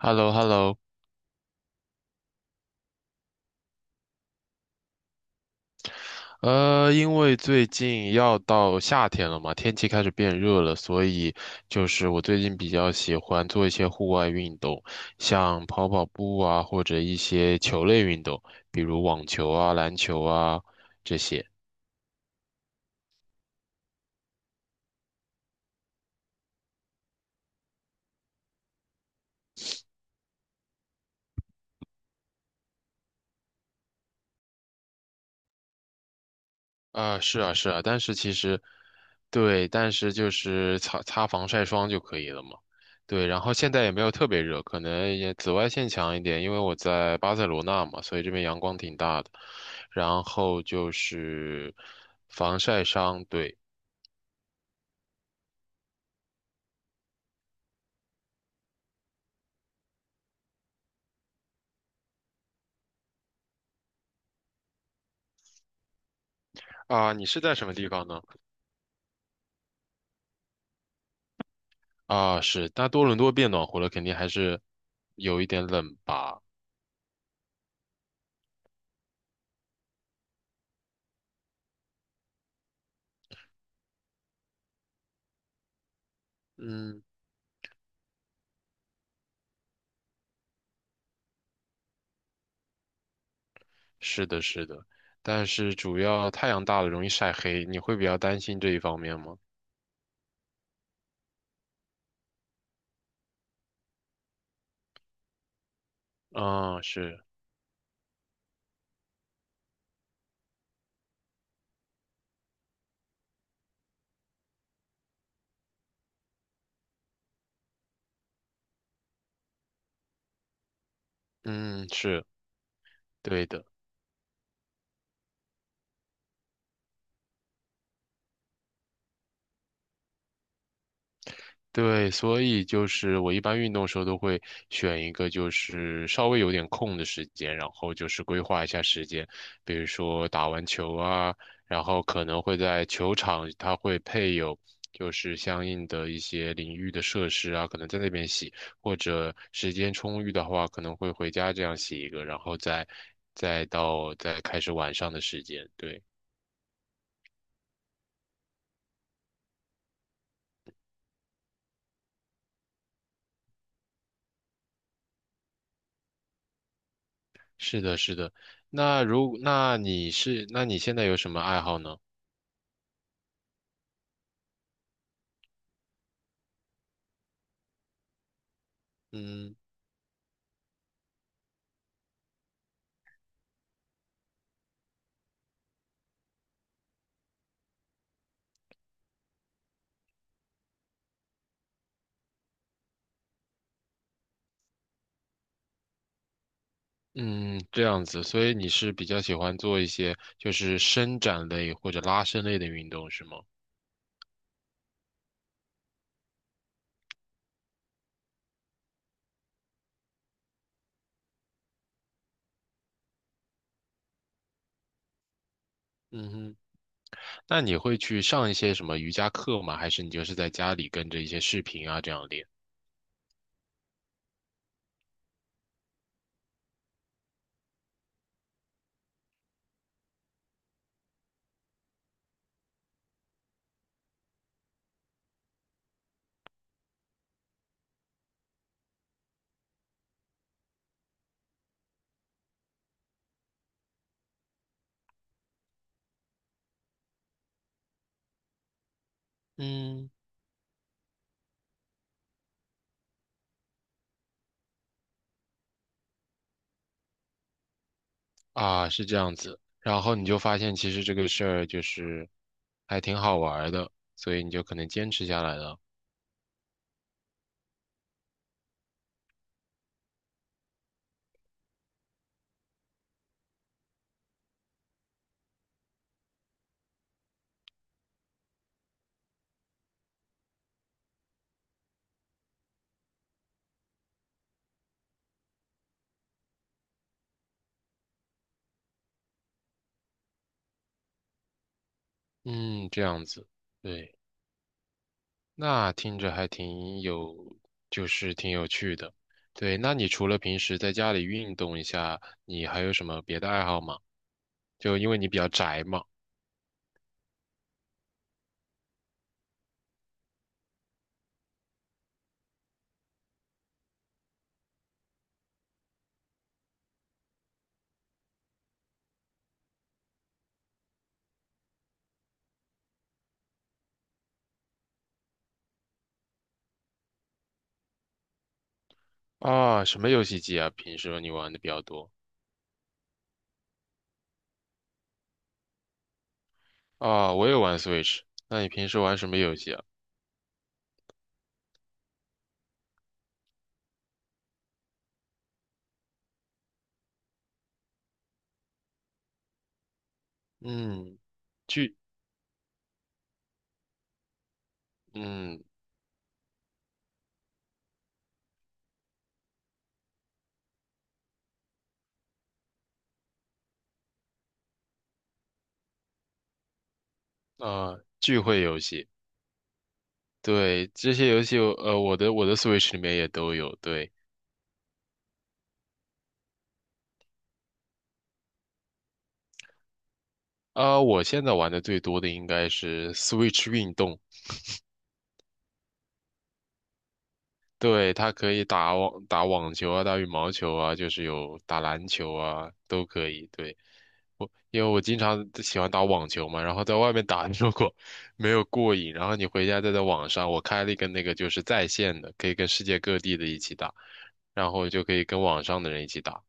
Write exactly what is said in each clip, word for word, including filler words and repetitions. h e l l o h e l l o。 呃，因为最近要到夏天了嘛，天气开始变热了，所以就是我最近比较喜欢做一些户外运动，像跑跑步啊，或者一些球类运动，比如网球啊、篮球啊这些。啊，是啊，是啊，但是其实，对，但是就是擦擦防晒霜就可以了嘛。对，然后现在也没有特别热，可能也紫外线强一点，因为我在巴塞罗那嘛，所以这边阳光挺大的。然后就是防晒霜，对。啊，你是在什么地方呢？啊，是，那多伦多变暖和了，肯定还是有一点冷吧？嗯，是的，是的，但是主要太阳大了容易晒黑，你会比较担心这一方面吗？啊，是，嗯，是对的，对，所以就是我一般运动的时候都会选一个就是稍微有点空的时间，然后就是规划一下时间，比如说打完球啊，然后可能会在球场，它会配有就是相应的一些淋浴的设施啊，可能在那边洗，或者时间充裕的话，可能会回家这样洗一个，然后再再到再开始晚上的时间，对。是的，是的。那如那你是那你现在有什么爱好呢？嗯嗯，这样子，所以你是比较喜欢做一些就是伸展类或者拉伸类的运动是吗？嗯哼，那你会去上一些什么瑜伽课吗？还是你就是在家里跟着一些视频啊这样练？嗯，啊，是这样子。然后你就发现其实这个事儿就是还挺好玩儿的，所以你就可能坚持下来了。嗯，这样子，对。那听着还挺有，就是挺有趣的。对，那你除了平时在家里运动一下，你还有什么别的爱好吗？就因为你比较宅嘛。啊，什么游戏机啊？平时你玩的比较多？啊，我也玩 Switch。那你平时玩什么游戏啊？嗯，聚，嗯啊，聚会游戏。对，这些游戏我呃，我的我的 Switch 里面也都有。对，啊，我现在玩的最多的应该是 Switch 运动。对，它可以打网打网球啊，打羽毛球啊，就是有打篮球啊，都可以。对，我因为我经常喜欢打网球嘛，然后在外面打，如果没有过瘾，然后你回家再在网上，我开了一个那个就是在线的，可以跟世界各地的一起打，然后就可以跟网上的人一起打。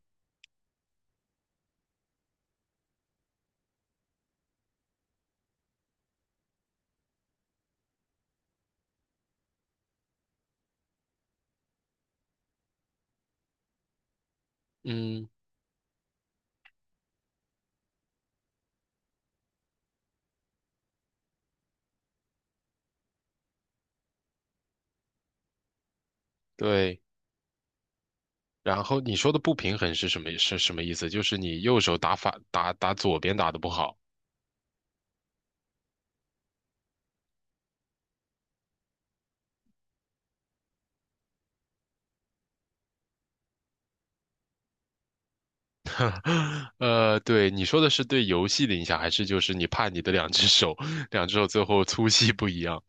嗯，对。然后你说的不平衡是什么？是什么意思？就是你右手打反打打左边打的不好。呃，对，你说的是对游戏的影响，还是就是你怕你的两只手，两只手最后粗细不一样？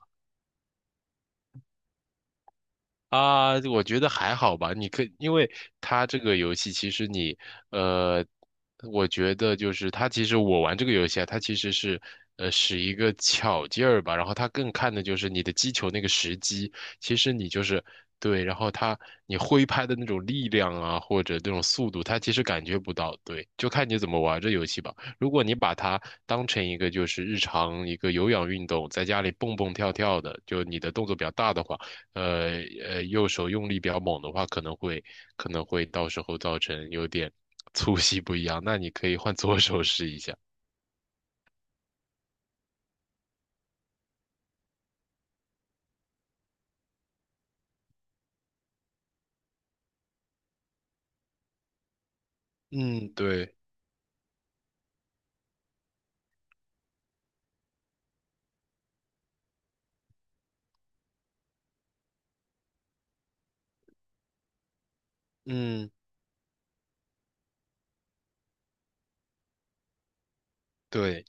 啊，我觉得还好吧。你可，因为它这个游戏，其实你，呃，我觉得就是它其实我玩这个游戏啊，它其实是，呃，使一个巧劲儿吧。然后它更看的就是你的击球那个时机，其实你就是对，然后它你挥拍的那种力量啊，或者那种速度，它其实感觉不到。对，就看你怎么玩这游戏吧。如果你把它当成一个就是日常一个有氧运动，在家里蹦蹦跳跳的，就你的动作比较大的话。呃呃右手用力比较猛的话，可能会可能会到时候造成有点粗细不一样。那你可以换左手试一下。嗯，对，嗯，对。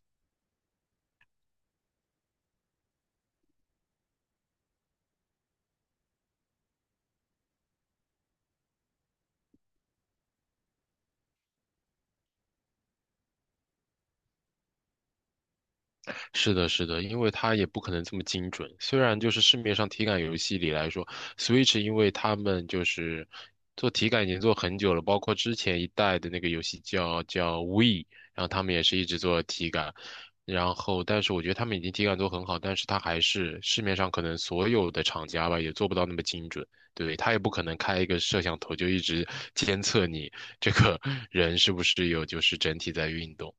是的，是的，因为它也不可能这么精准。虽然就是市面上体感游戏里来说，Switch 因为他们就是做体感已经做很久了，包括之前一代的那个游戏叫叫 Wii，然后他们也是一直做体感。然后，但是我觉得他们已经体感做很好，但是它还是市面上可能所有的厂家吧，也做不到那么精准。对，他也不可能开一个摄像头就一直监测你这个人是不是有就是整体在运动。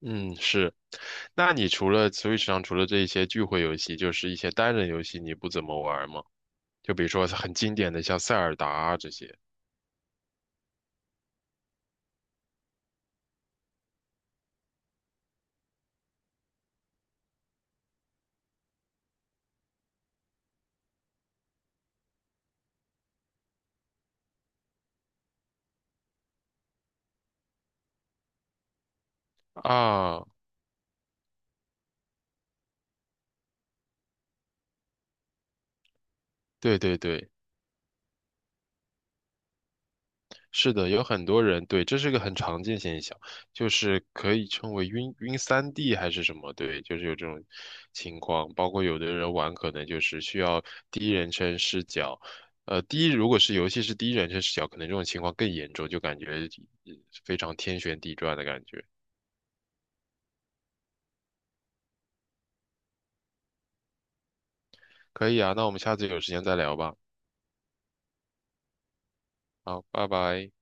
嗯，是。那你除了 Switch 上除了这一些聚会游戏，就是一些单人游戏，你不怎么玩吗？就比如说很经典的像塞尔达啊这些啊，对对对，是的，有很多人对，这是个很常见现象，就是可以称为晕晕三 d 还是什么，对，就是有这种情况。包括有的人玩可能就是需要第一人称视角，呃，第一如果是游戏是第一人称视角，可能这种情况更严重，就感觉呃非常天旋地转的感觉。可以啊，那我们下次有时间再聊吧。好，拜拜。